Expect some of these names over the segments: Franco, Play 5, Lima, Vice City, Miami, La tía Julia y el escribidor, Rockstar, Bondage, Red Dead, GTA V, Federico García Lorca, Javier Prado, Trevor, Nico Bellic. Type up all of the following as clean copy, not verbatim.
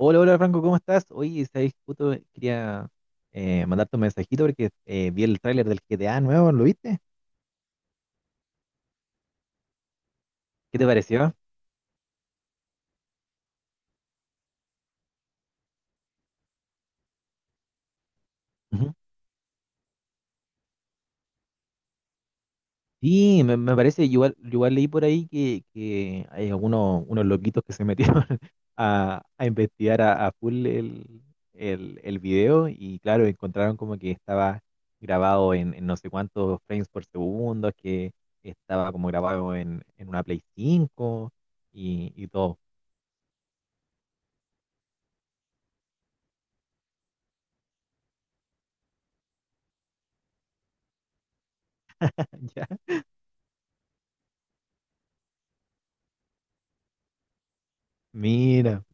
Hola, hola Franco, ¿cómo estás? Oye, sabes, justo quería mandarte un mensajito porque vi el tráiler del GTA nuevo, ¿lo viste? ¿Qué te pareció? Ujú. Sí, me parece, yo igual leí por ahí que hay algunos unos loquitos que se metieron a investigar a full el video y claro, encontraron como que estaba grabado en no sé cuántos frames por segundo, que estaba como grabado en una Play 5 y todo. Ya. Mira.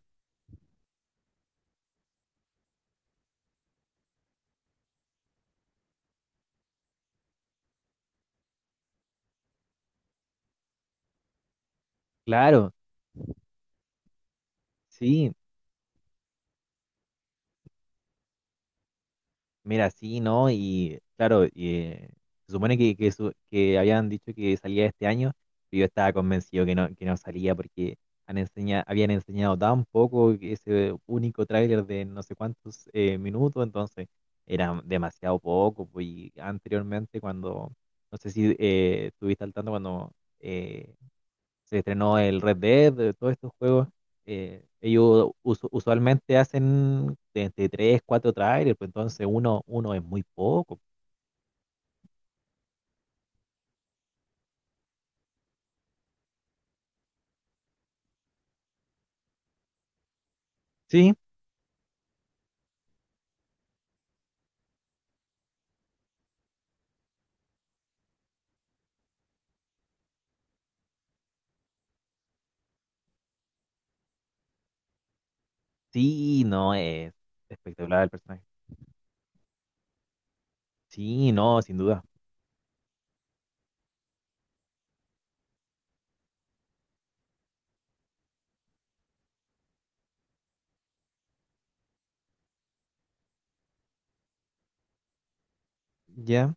Claro, sí, mira, sí, ¿no? Y claro, se supone que habían dicho que salía este año, pero yo estaba convencido que no salía porque habían enseñado tan poco que ese único tráiler de no sé cuántos minutos, entonces era demasiado poco, pues. Y anteriormente cuando, no sé si estuviste al tanto cuando eh, se estrenó el Red Dead, de todos estos juegos. Ellos usualmente hacen de entre 3, 4 trailers, pues entonces uno es muy poco. Sí, sí, no, es espectacular el personaje. Sí, no, sin duda. Ya.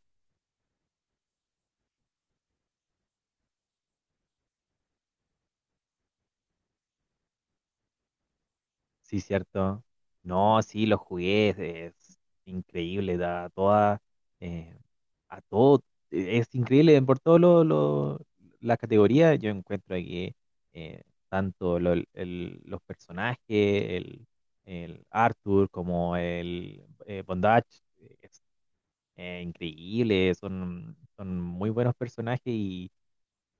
Sí, cierto. No, sí, lo jugué, es increíble, da toda, eh, a todo, e, es increíble por todo la categoría, yo encuentro que eh, tanto los personajes, el Arthur como el Bondage, es increíble, son, son muy buenos personajes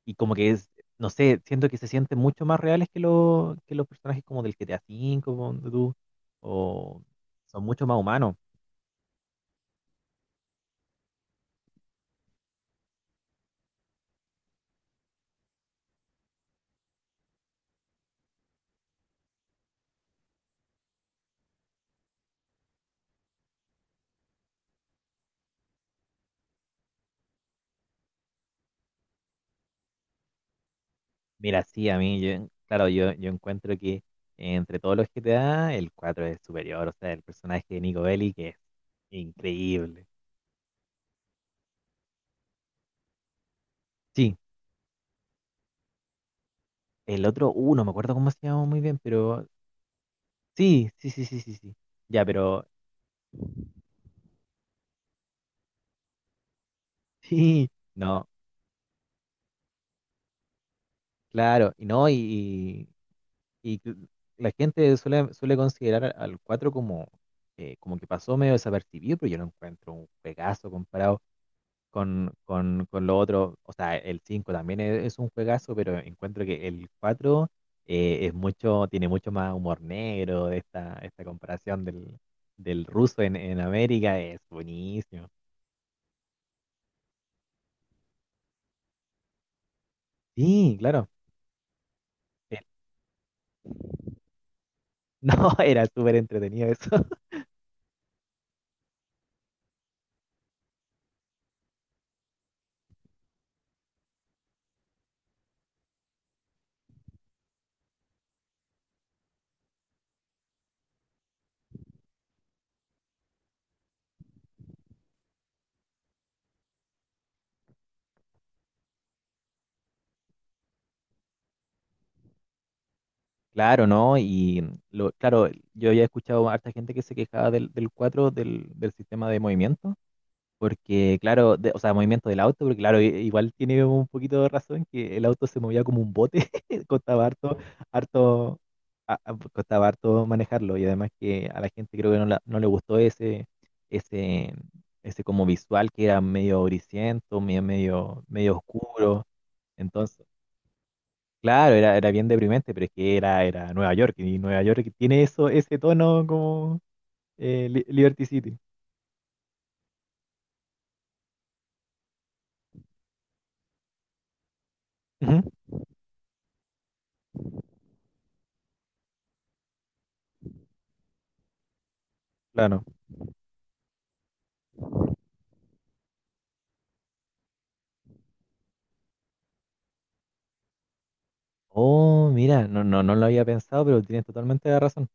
y como que no sé, siento que se sienten mucho más reales que los personajes como del GTA V, como de tú, o son mucho más humanos. Mira, sí, a mí, yo, claro, yo encuentro que entre todos los GTA, el 4 es superior, o sea, el personaje de Nico Bellic es increíble. Sí, el otro, no me acuerdo cómo se llama muy bien, pero sí, sí, sí, sí, sí, sí. Ya, pero sí, no, claro, y no, y que la gente suele, suele considerar al 4 como, como que pasó medio desapercibido, pero yo lo encuentro un juegazo comparado con con lo otro. O sea, el 5 también es un juegazo, pero encuentro que el 4 es mucho, tiene mucho más humor negro. De Esta, esta comparación del ruso en América es buenísimo. Sí, claro. Eh, no, era súper entretenido eso. Claro, ¿no? Y lo, claro, yo ya he escuchado a harta gente que se quejaba del 4, del sistema de movimiento, porque claro, de- o sea, movimiento del auto, porque claro, i- igual tiene un poquito de razón que el auto se movía como un bote, costaba harto, harto, a- costaba harto manejarlo y además que a la gente creo que no, la- no le gustó ese, ese como visual que era medio grisiento, medio, medio, medio oscuro. Claro, era, era bien deprimente, pero es que era, era Nueva York, y Nueva York tiene eso, ese tono como Liberty City. Ujú, claro. Oh, mira, no, no, no lo había pensado, pero tienes totalmente la razón.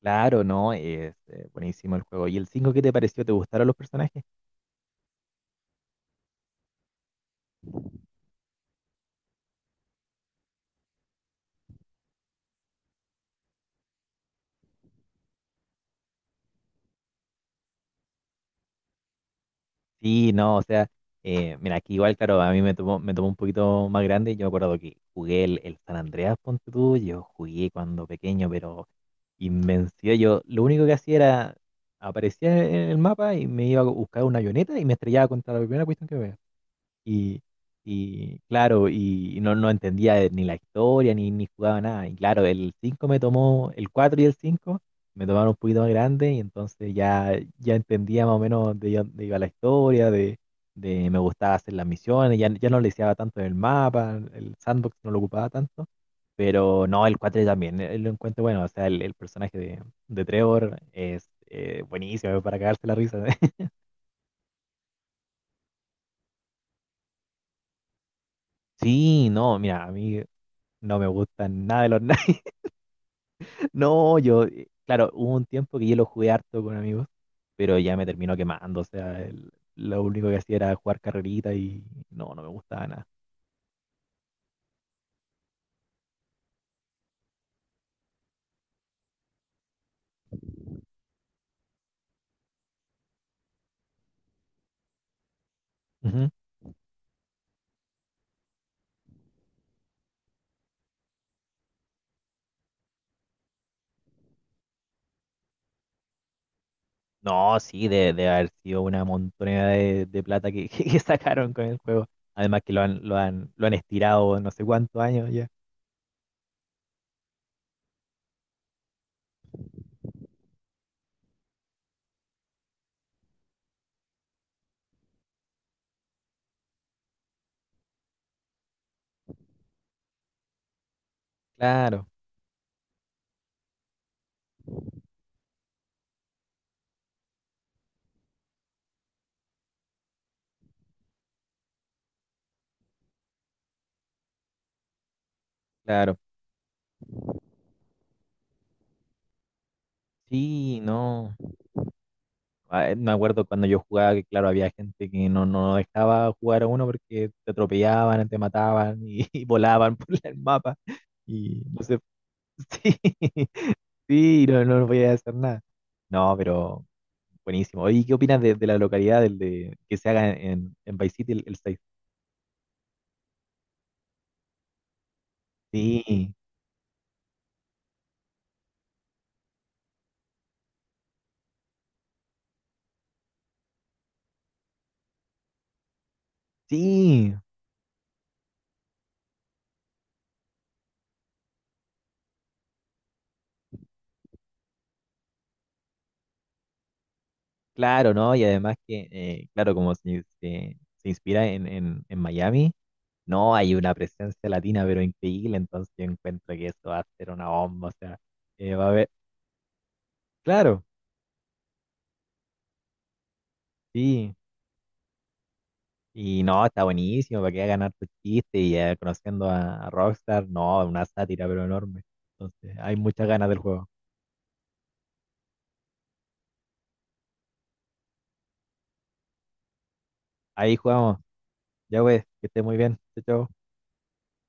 Claro, no, es buenísimo el juego. ¿Y el 5 qué te pareció? ¿Te gustaron los personajes? Sí, no, o sea, mira, aquí igual, claro, a mí me tomó un poquito más grande. Yo me acuerdo que jugué el San Andreas, ponte tú, yo jugué cuando pequeño, pero invenció. Yo lo único que hacía era, aparecía en el mapa y me iba a buscar una avioneta y me estrellaba contra la primera cuestión que veía. Y, y claro, y no, no entendía ni la historia, ni, ni jugaba nada. Y claro, el 4 y el 5 me tomaron un poquito más grande y entonces ya, ya entendía más o menos de dónde iba la historia, de me gustaba hacer las misiones, ya, ya no le deseaba tanto en el mapa, el sandbox no lo ocupaba tanto. Pero no, el 4 también, lo encuentro bueno, o sea, el personaje de Trevor es buenísimo para cagarse la risa. Sí, no, mira, a mí no me gustan nada de los no, yo, claro, hubo un tiempo que yo lo jugué harto con amigos, pero ya me terminó quemando, o sea, el- lo único que hacía era jugar carrerita y no, no me gustaba nada. Ujú. No, sí, de haber sido una montonera de plata que, que sacaron con el juego. Además que lo han estirado no sé cuántos años ya. Claro, claro. Sí, no. Ah, me acuerdo cuando yo jugaba que, claro, había gente que no, no dejaba jugar a uno porque te atropellaban, te mataban y, y volaban por el mapa. Y no sé, sí, sí, no, no voy a hacer nada. No, pero buenísimo. Oye, ¿qué opinas de la localidad del de, que se haga en Vice City el 6? Sí, sí, claro, ¿no? Y además que, claro, como se inspira en Miami, no, hay una presencia latina, pero increíble, entonces yo encuentro que eso va a ser una bomba, o sea, va a haber, claro, sí, y no, está buenísimo, para que hagan harto chiste y conociendo a Rockstar, no, una sátira, pero enorme, entonces hay muchas ganas del juego. Ahí jugamos, ya pues, que esté muy bien, chao, chao.